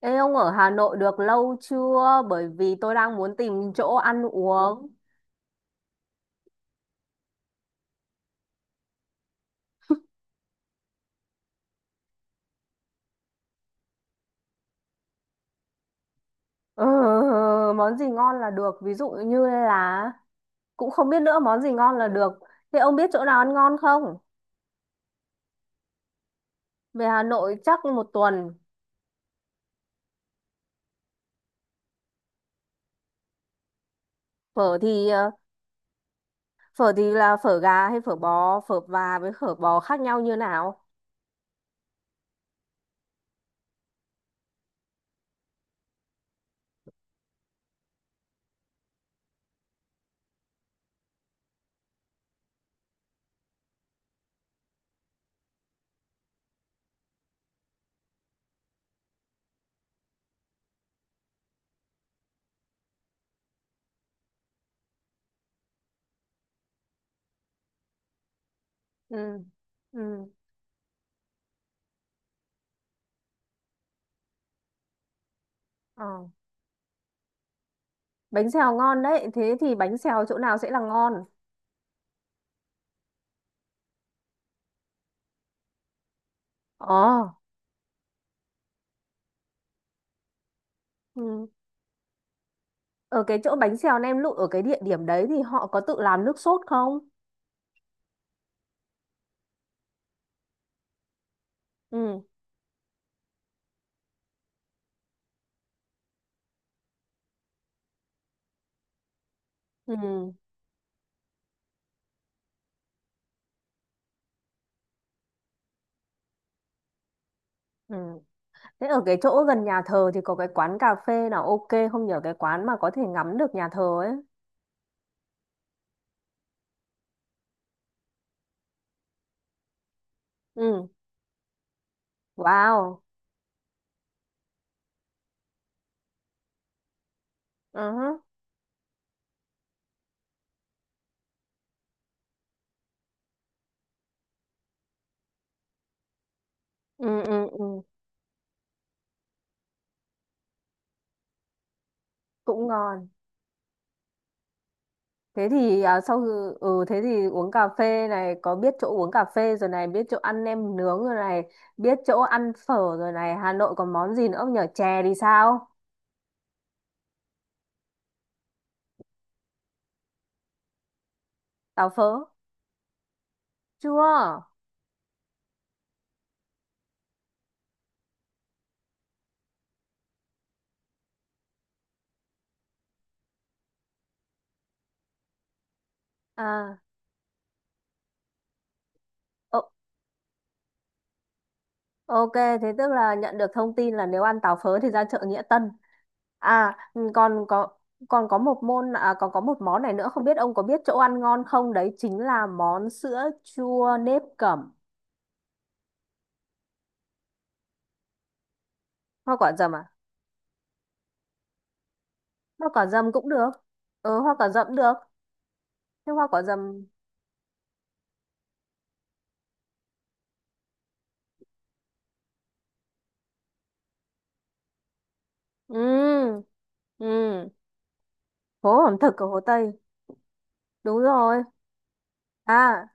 Ê ông ở Hà Nội được lâu chưa? Bởi vì tôi đang muốn tìm chỗ ăn uống. Ừ. Món gì ngon là được. Ví dụ như là cũng không biết nữa món gì ngon là được. Thế ông biết chỗ nào ăn ngon không? Về Hà Nội chắc một tuần. Phở thì ờ, phở thì là phở gà hay phở bò, phở và với phở bò khác nhau như nào? Ừ. Ừ. Ờ. Bánh xèo ngon đấy. Thế thì bánh xèo chỗ nào sẽ là ngon? Ồ. Ừ. Ở cái chỗ bánh xèo nem lụi ở cái địa điểm đấy thì họ có tự làm nước sốt không? Ừ, ừ, ừ. Thế ở cái chỗ gần nhà thờ thì có cái quán cà phê nào ok không nhờ cái quán mà có thể ngắm được nhà thờ ấy. Ừ, wow. Ừ, hứ. Ừ, ừ, ừ. Cũng ngon. Thế thì à, sau khi- ừ thế thì uống cà phê này có biết chỗ uống cà phê rồi này, biết chỗ ăn nem nướng rồi này, biết chỗ ăn phở rồi này, Hà Nội còn món gì nữa không nhờ chè thì sao? Táo phớ. Chưa. À. Ok, thế tức là nhận được thông tin là nếu ăn táo phớ thì ra chợ Nghĩa Tân. À, ừ, còn có một môn à, còn có một món này nữa không biết ông có biết chỗ ăn ngon không? Đấy chính là món sữa chua nếp cẩm. Hoa quả dầm à? Hoa quả dầm cũng được. Ừ, hoa quả dầm cũng được. Thế hoa quả dầm. Ừ. Ừ. Phố ẩm thực ở Hồ Tây. Đúng rồi. À,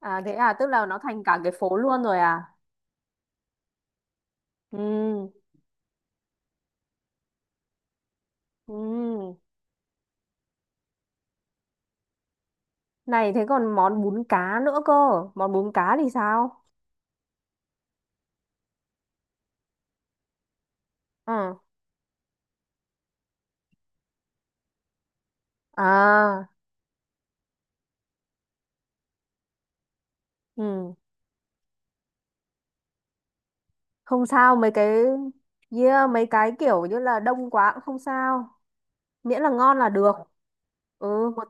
tức là nó thành cả cái phố luôn rồi à? Ừ. Ừ. Này thế còn món bún cá nữa cơ. Món bún cá thì sao? Ừ. À, ừ. Không sao mấy cái, yeah, mấy cái kiểu như là đông quá cũng không sao. Miễn là ngon là được. Ừ, một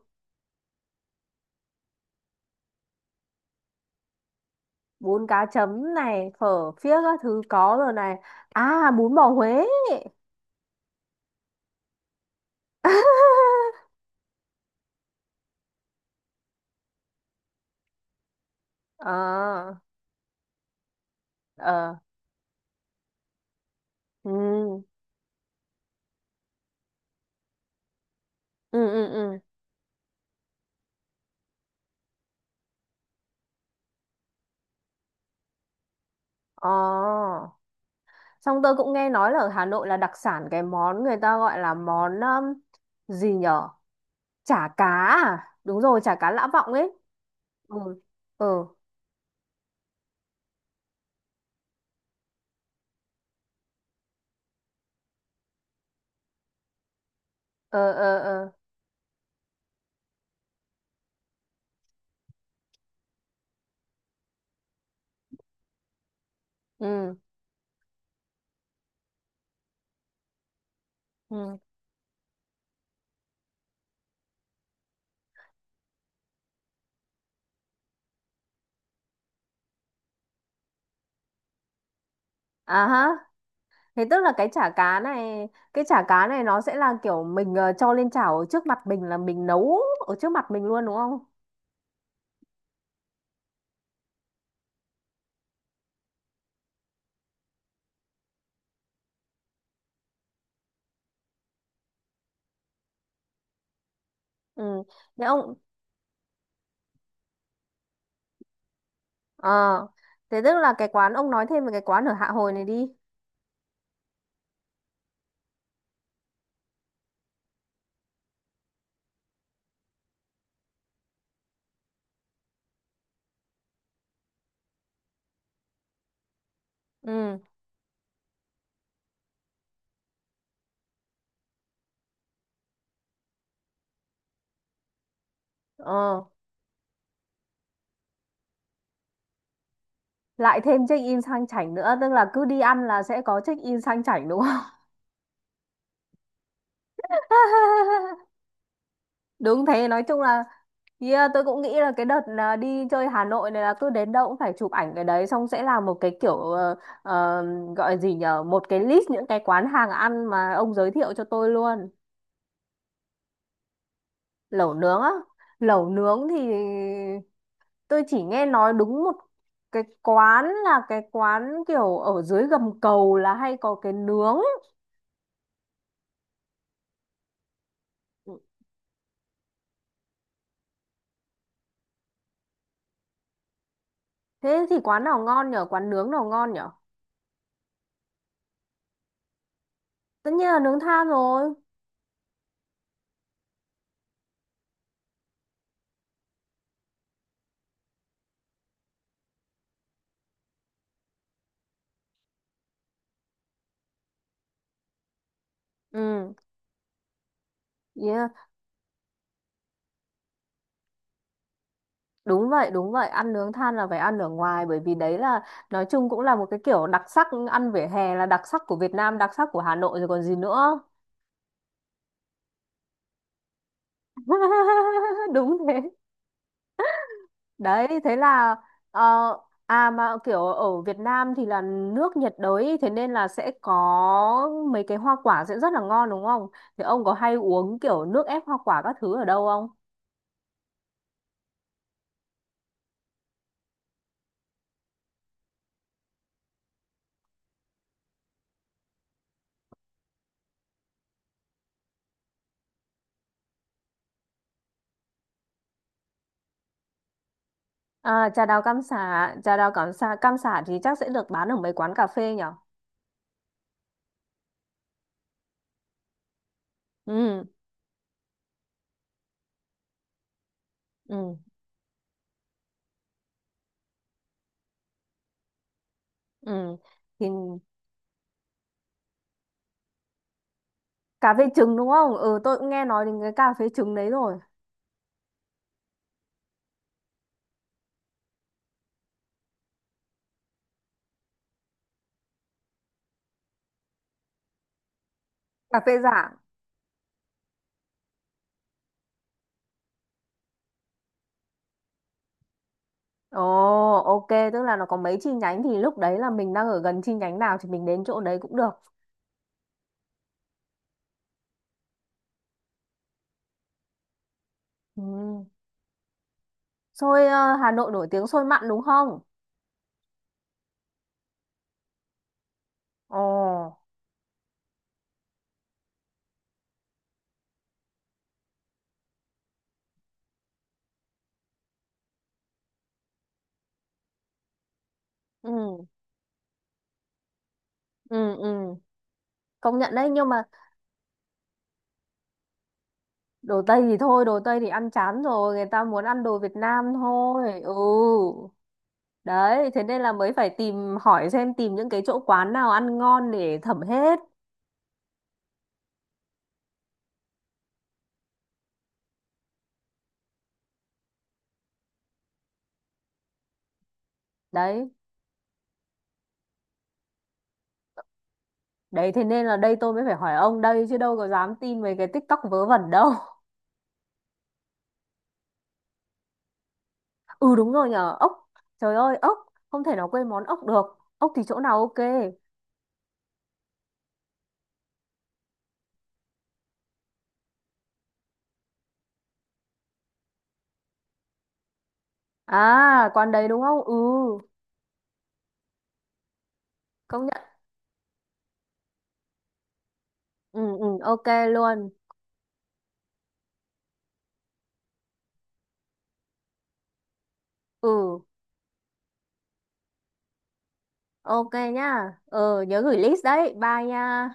bún cá chấm này, phở phiếc các thứ có rồi này. À, bún bò Huế. Ờ, ờ. Ừ, ừ, ừ. Ừ. Ờ. Xong tôi cũng nghe nói là ở Hà Nội là đặc sản cái món người ta gọi là món gì nhở? Chả cá à, đúng rồi, chả cá Lã Vọng ấy. Ừ. Ừ. Ờ. Ờ. Ờ. Ừ. Ừ. À ha. Thế tức là cái chả cá này cái chả cá này nó sẽ là kiểu mình cho lên chảo ở trước mặt mình là mình nấu, ở trước mặt mình luôn đúng không? Ừ. thế ông ờ thế tức là cái quán, ông nói thêm về cái quán ở Hạ Hồi này đi. Ừ. Ờ. Lại thêm check in sang chảnh nữa, tức là cứ đi ăn là sẽ có check in sang chảnh đúng không? Đúng thế. Nói chung là, yeah, tôi cũng nghĩ là cái đợt là đi chơi Hà Nội này là cứ đến đâu cũng phải chụp ảnh cái đấy, xong sẽ làm một cái kiểu ờ, gọi gì nhở, một cái list những cái quán hàng ăn mà ông giới thiệu cho tôi luôn. Lẩu nướng á? Lẩu nướng thì tôi chỉ nghe nói đúng một cái quán, là cái quán kiểu ở dưới gầm cầu là hay có cái nướng. Thế thì quán nào ngon nhở quán nướng nào ngon nhở? Tất nhiên là nướng than rồi. Ừ. Yeah. Đúng vậy, ăn nướng than là phải ăn ở ngoài, bởi vì đấy là nói chung cũng là một cái kiểu đặc sắc, ăn vỉa hè là đặc sắc của Việt Nam, đặc sắc của Hà Nội rồi còn gì nữa. Đúng thế. Đấy, thế là ờ, à mà kiểu ở Việt Nam thì là nước nhiệt đới, thế nên là sẽ có mấy cái hoa quả sẽ rất là ngon đúng không? Thì ông có hay uống kiểu nước ép hoa quả các thứ ở đâu không? À, trà đào cam sả, trà đào cam sả thì chắc sẽ được bán ở mấy quán cà phê nhở? Ừ. Ừ. Ừ. Thì cà phê trứng đúng không? Ừ, tôi cũng nghe nói đến cái cà phê trứng đấy rồi. Cà phê Rạng. Ồ, ok, tức là nó có mấy chi nhánh thì lúc đấy là mình đang ở gần chi nhánh nào thì mình đến chỗ đấy cũng được. Ừ. Xôi, Hà Nội nổi tiếng xôi mặn đúng không? Ồ, ừ, ừ, ừ. Công nhận đấy, nhưng mà đồ Tây thì thôi, đồ Tây thì ăn chán rồi, người ta muốn ăn đồ Việt Nam thôi. Ừ. Đấy, thế nên là mới phải tìm hỏi xem, tìm những cái chỗ quán nào ăn ngon để thẩm hết. Đấy. Đấy thế nên là đây tôi mới phải hỏi ông đây chứ đâu có dám tin mấy cái TikTok vớ vẩn đâu. Ừ đúng rồi nhờ, ốc. Trời ơi, ốc, không thể nào quên món ốc được. Ốc thì chỗ nào ok? À, quán đấy đúng không? Ừ, công nhận. Ừ, ừ, ok luôn. Ừ, ok nhá. Ừ, nhớ gửi list đấy. Bye nha.